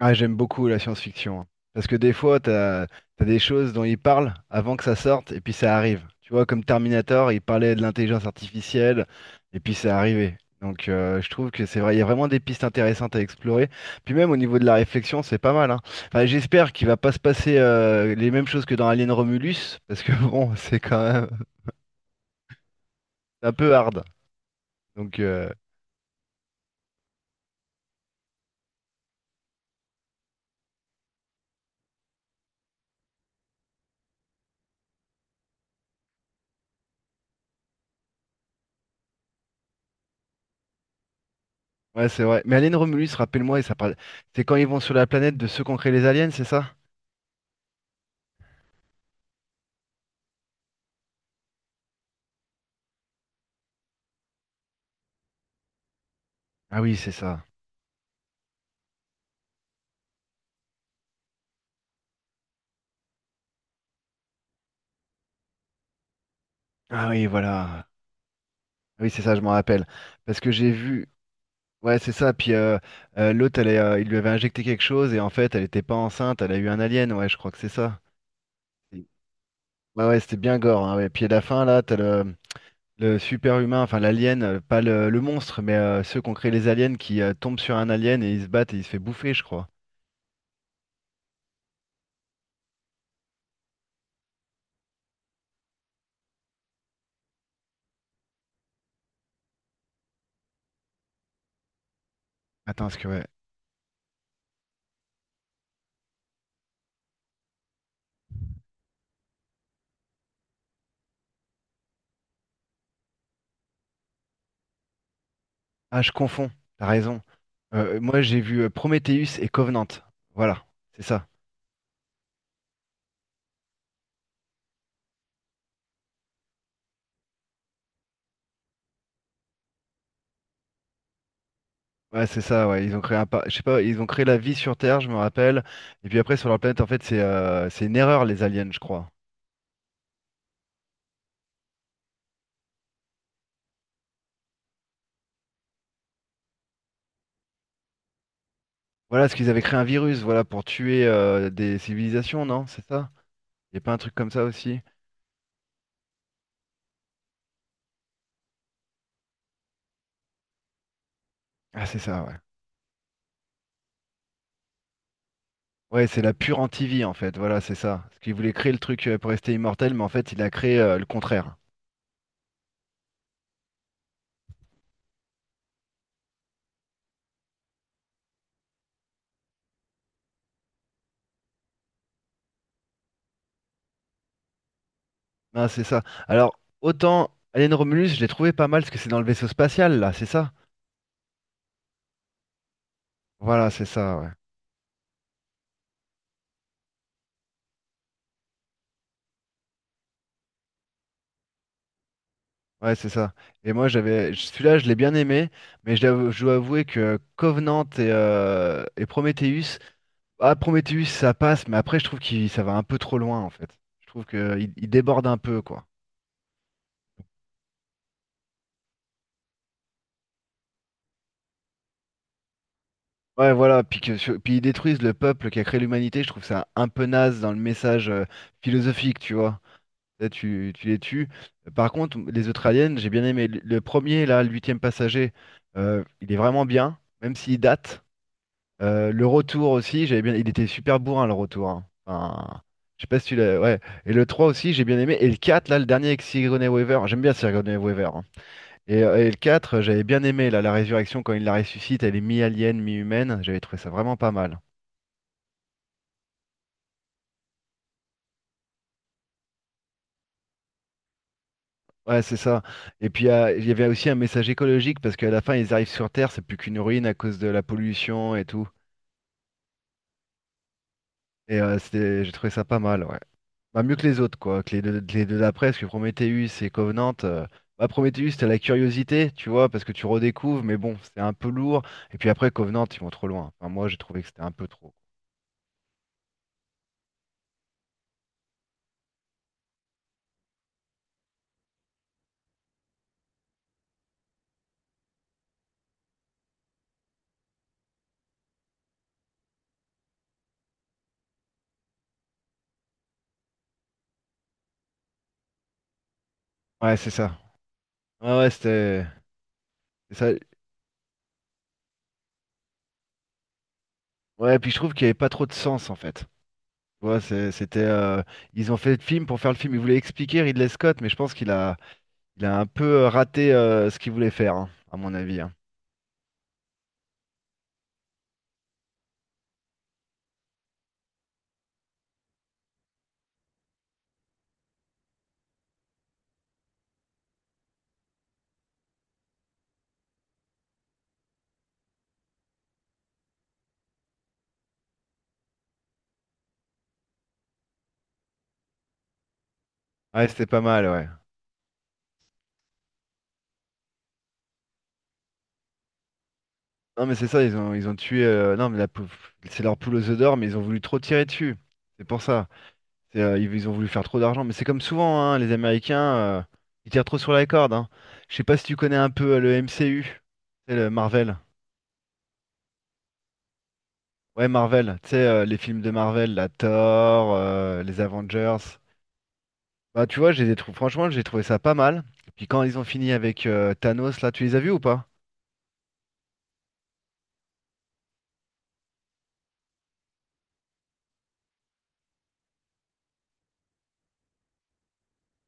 Ah, j'aime beaucoup la science-fiction, hein. Parce que des fois, t'as, t'as des choses dont ils parlent avant que ça sorte, et puis ça arrive. Tu vois, comme Terminator, il parlait de l'intelligence artificielle, et puis c'est arrivé. Donc je trouve que c'est vrai, il y a vraiment des pistes intéressantes à explorer. Puis même au niveau de la réflexion, c'est pas mal, hein. Enfin, j'espère qu'il va pas se passer les mêmes choses que dans Alien Romulus, parce que bon, c'est quand même un peu hard. Donc euh, ouais, c'est vrai. Mais Alien Romulus, rappelle-moi, et ça parle... c'est quand ils vont sur la planète de ceux qui ont créé les aliens, c'est ça? Ah oui, c'est ça. Ah oui, voilà. Oui, c'est ça, je m'en rappelle. Parce que j'ai vu. Ouais, c'est ça. Puis l'autre, elle est, il lui avait injecté quelque chose et en fait, elle était pas enceinte. Elle a eu un alien. Ouais, je crois que c'est ça. Et- ouais, ouais, c'était bien gore, hein, ouais. Puis à la fin, là, t'as le super-humain, enfin l'alien, pas le, le monstre, mais ceux qui ont créé les aliens qui tombent sur un alien et ils se battent et il se fait bouffer, je crois. Attends, est-ce que ouais. Ah, je confonds. T'as raison. Moi, j'ai vu Prometheus et Covenant. Voilà, c'est ça. Ouais, c'est ça, ouais. Ils ont créé un par- je sais pas, ils ont créé la vie sur Terre, je me rappelle. Et puis après, sur leur planète, en fait, c'est une erreur, les aliens, je crois. Voilà, parce qu'ils avaient créé un virus, voilà, pour tuer des civilisations, non? C'est ça? Il a pas un truc comme ça aussi? Ah, c'est ça, ouais. Ouais, c'est la pure anti-vie, en fait. Voilà, c'est ça. Parce qu'il voulait créer le truc pour rester immortel, mais en fait, il a créé le contraire. Ah, c'est ça. Alors, autant Alien Romulus, je l'ai trouvé pas mal, parce que c'est dans le vaisseau spatial, là, c'est ça? Voilà, c'est ça, ouais. Ouais, c'est ça. Et moi, j'avais celui-là, je l'ai bien aimé, mais je dois avouer que Covenant et Prometheus, ah, Prometheus, ça passe, mais après, je trouve que ça va un peu trop loin, en fait. Je trouve qu'il il déborde un peu, quoi. Ouais, voilà, puis, que, sur- puis ils détruisent le peuple qui a créé l'humanité, je trouve ça un peu naze dans le message philosophique, tu vois. Là, tu les tues. Par contre, les autres aliens, j'ai bien aimé. Le premier, là, le huitième passager, il est vraiment bien, même s'il date. Le retour aussi, j'avais bien... il était super bourrin le retour, hein. Enfin, je sais pas si tu l'as. Ouais. Et le 3 aussi, j'ai bien aimé. Et le 4 là, le dernier avec Sigourney Weaver. J'aime bien Sigourney Weaver, hein. Et le 4, j'avais bien aimé là, la résurrection quand il la ressuscite. Elle est mi-alien, mi-humaine. J'avais trouvé ça vraiment pas mal. Ouais, c'est ça. Et puis il y avait aussi un message écologique parce qu'à la fin, ils arrivent sur Terre, c'est plus qu'une ruine à cause de la pollution et tout. Et c'était... j'ai trouvé ça pas mal, ouais. Bah, mieux que les autres, quoi, que les deux d'après, parce que Prometheus et Covenant, bah, Prometheus, t'as la curiosité, tu vois, parce que tu redécouvres, mais bon, c'est un peu lourd. Et puis après, Covenant, ils vont trop loin. Enfin, moi, j'ai trouvé que c'était un peu trop. Ouais, c'est ça. Ouais, ouais, c'était. C'est ça. Ouais, puis je trouve qu'il n'y avait pas trop de sens, en fait. Tu vois, c'est- c'était. Ils ont fait le film pour faire le film. Ils voulaient expliquer Ridley Scott, mais je pense qu'il a, il a un peu raté ce qu'il voulait faire, hein, à mon avis, hein. Ouais, c'était pas mal, ouais. Non, mais c'est ça, ils ont, ils ont tué. Non, mais la pou- c'est leur poule aux œufs d'or, mais ils ont voulu trop tirer dessus. C'est pour ça. C'est, ils, ils ont voulu faire trop d'argent. Mais c'est comme souvent, hein, les Américains, ils tirent trop sur la corde. Hein. Je sais pas si tu connais un peu le MCU, c'est le Marvel. Ouais, Marvel. Tu sais, les films de Marvel, la Thor, les Avengers. Bah, tu vois, j'ai des trous. Franchement, j'ai trouvé ça pas mal. Et puis quand ils ont fini avec Thanos, là, tu les as vus ou pas?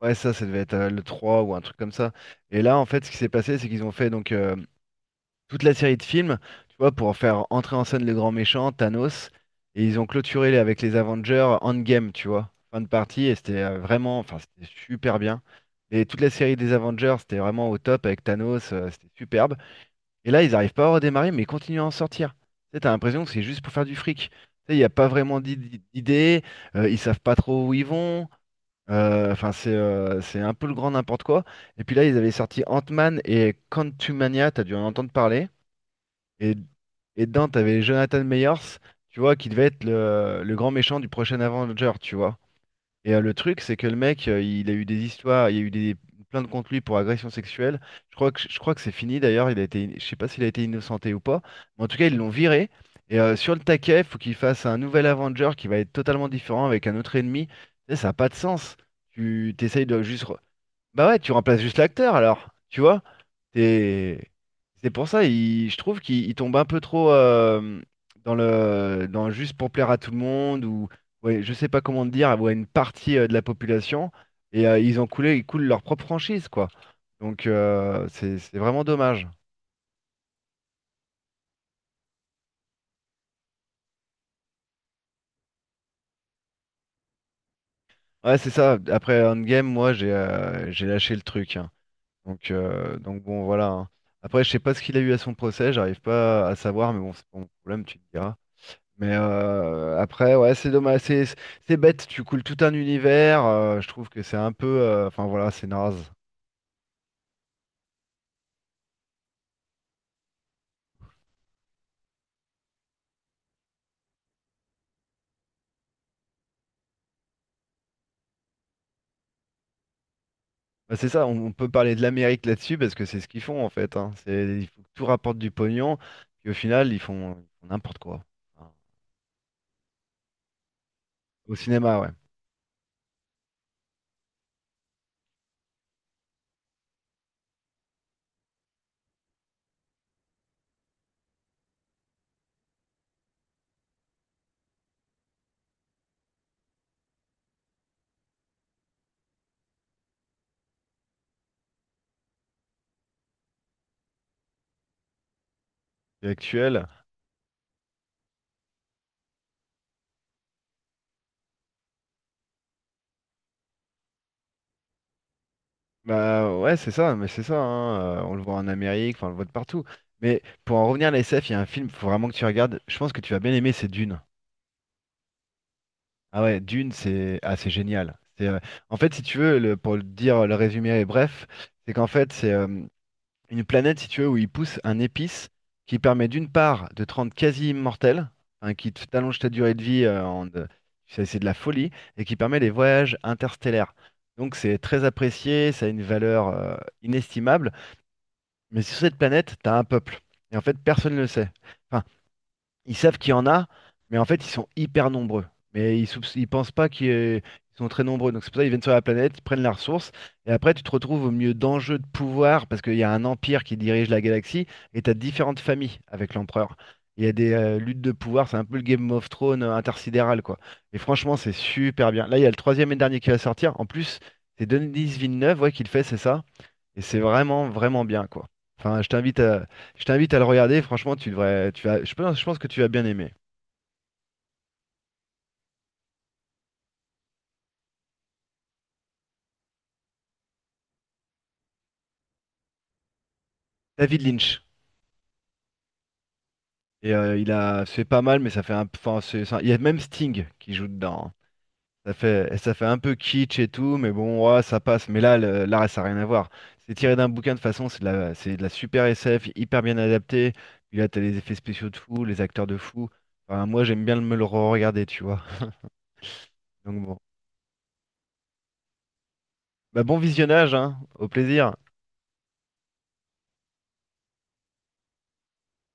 Ouais, ça devait être le 3 ou un truc comme ça. Et là, en fait, ce qui s'est passé, c'est qu'ils ont fait donc. Toute la série de films, tu vois, pour faire entrer en scène le grand méchant, Thanos. Et ils ont clôturé les- avec les Avengers Endgame, tu vois, fin de partie. Et c'était vraiment, enfin, c'était super bien. Et toute la série des Avengers, c'était vraiment au top avec Thanos, c'était superbe. Et là, ils n'arrivent pas à redémarrer, mais ils continuent à en sortir. Tu sais, t'as l'impression que c'est juste pour faire du fric. Tu sais, il n'y a pas vraiment d'id- d'idée, ils savent pas trop où ils vont. Enfin, c'est un peu le grand n'importe quoi. Et puis là, ils avaient sorti Ant-Man et Quantumania, t'as dû en entendre parler. Et, et dedans, t'avais Jonathan Meyers, tu vois, qui devait être le grand méchant du prochain Avenger, tu vois. Et le truc, c'est que le mec, il a eu des histoires, il y a eu des plaintes contre lui pour agression sexuelle. Je crois que c'est fini d'ailleurs, il a été, je sais pas s'il a été innocenté ou pas, mais en tout cas, ils l'ont viré. Et sur le taquet, il faut qu'il fasse un nouvel Avenger qui va être totalement différent avec un autre ennemi. Tu sais, ça n'a pas de sens. Tu t'essayes de juste bah ouais, tu remplaces juste l'acteur alors, tu vois? T'es- c'est pour ça, il- je trouve qu'il il tombe un peu trop dans le dans juste pour plaire à tout le monde ou ouais, je sais pas comment te dire, ou à une partie de la population et ils ont coulé, ils coulent leur propre franchise quoi. Donc c'est vraiment dommage. Ouais, c'est ça. Après Endgame, moi j'ai lâché le truc, hein. Donc donc bon voilà, hein. Après, je sais pas ce qu'il a eu à son procès, j'arrive pas à savoir, mais bon, c'est pas mon problème, tu me diras. Mais après, ouais, c'est dommage, c'est bête, tu coules tout un univers, je trouve que c'est un peu, enfin voilà, c'est naze. Bah, c'est ça, on peut parler de l'Amérique là-dessus parce que c'est ce qu'ils font en fait, hein. C'est, il faut que tout rapporte du pognon, puis au final, ils font n'importe quoi. Enfin, au cinéma, ouais, c'est actuel. Bah ouais, c'est ça, mais c'est ça, hein, on le voit en Amérique, enfin on le voit de partout. Mais pour en revenir à la SF, il y a un film, faut vraiment que tu regardes, je pense que tu vas bien aimer, c'est Dune. Ah ouais, Dune, c'est ah, c'est génial. C'est, en fait, si tu veux, le- pour le dire, le résumé est bref, c'est qu'en fait, c'est une planète, si tu veux, où ils poussent un épice qui permet d'une part de te rendre quasi immortel, hein, qui te- t'allonge ta durée de vie, en... de- c'est de la folie, et qui permet les voyages interstellaires. Donc c'est très apprécié, ça a une valeur inestimable, mais sur cette planète, t'as un peuple. Et en fait, personne ne le sait. Enfin, ils savent qu'il y en a, mais en fait, ils sont hyper nombreux. Mais ils, soupç- ils pensent pas qu'ils ils sont très nombreux. Donc c'est pour ça qu'ils viennent sur la planète, ils prennent la ressource, et après, tu te retrouves au milieu d'enjeux de pouvoir, parce qu'il y a un empire qui dirige la galaxie, et tu as différentes familles avec l'empereur. Il y a des luttes de pouvoir, c'est un peu le Game of Thrones intersidéral, quoi. Et franchement, c'est super bien. Là, il y a le troisième et dernier qui va sortir. En plus, c'est Denis Villeneuve, ouais, qui le fait, c'est ça? Et c'est vraiment, vraiment bien, quoi. Enfin, je t'invite à le regarder. Franchement, tu devrais, tu vas, je pense que tu vas bien aimer. David Lynch. Et il a, c'est pas mal, mais ça fait un, enfin, c'est un- il y a même Sting qui joue dedans, hein. Ça fait un peu kitsch et tout, mais bon, ouais, ça passe. Mais là, le- là, ça n'a rien à voir. C'est tiré d'un bouquin de toute façon, c'est de la super SF, hyper bien adapté. Puis là, t'as les effets spéciaux de fou, les acteurs de fou. Enfin, moi, j'aime bien me le re-regarder, tu vois. Donc bon, bah, bon visionnage, hein. Au plaisir.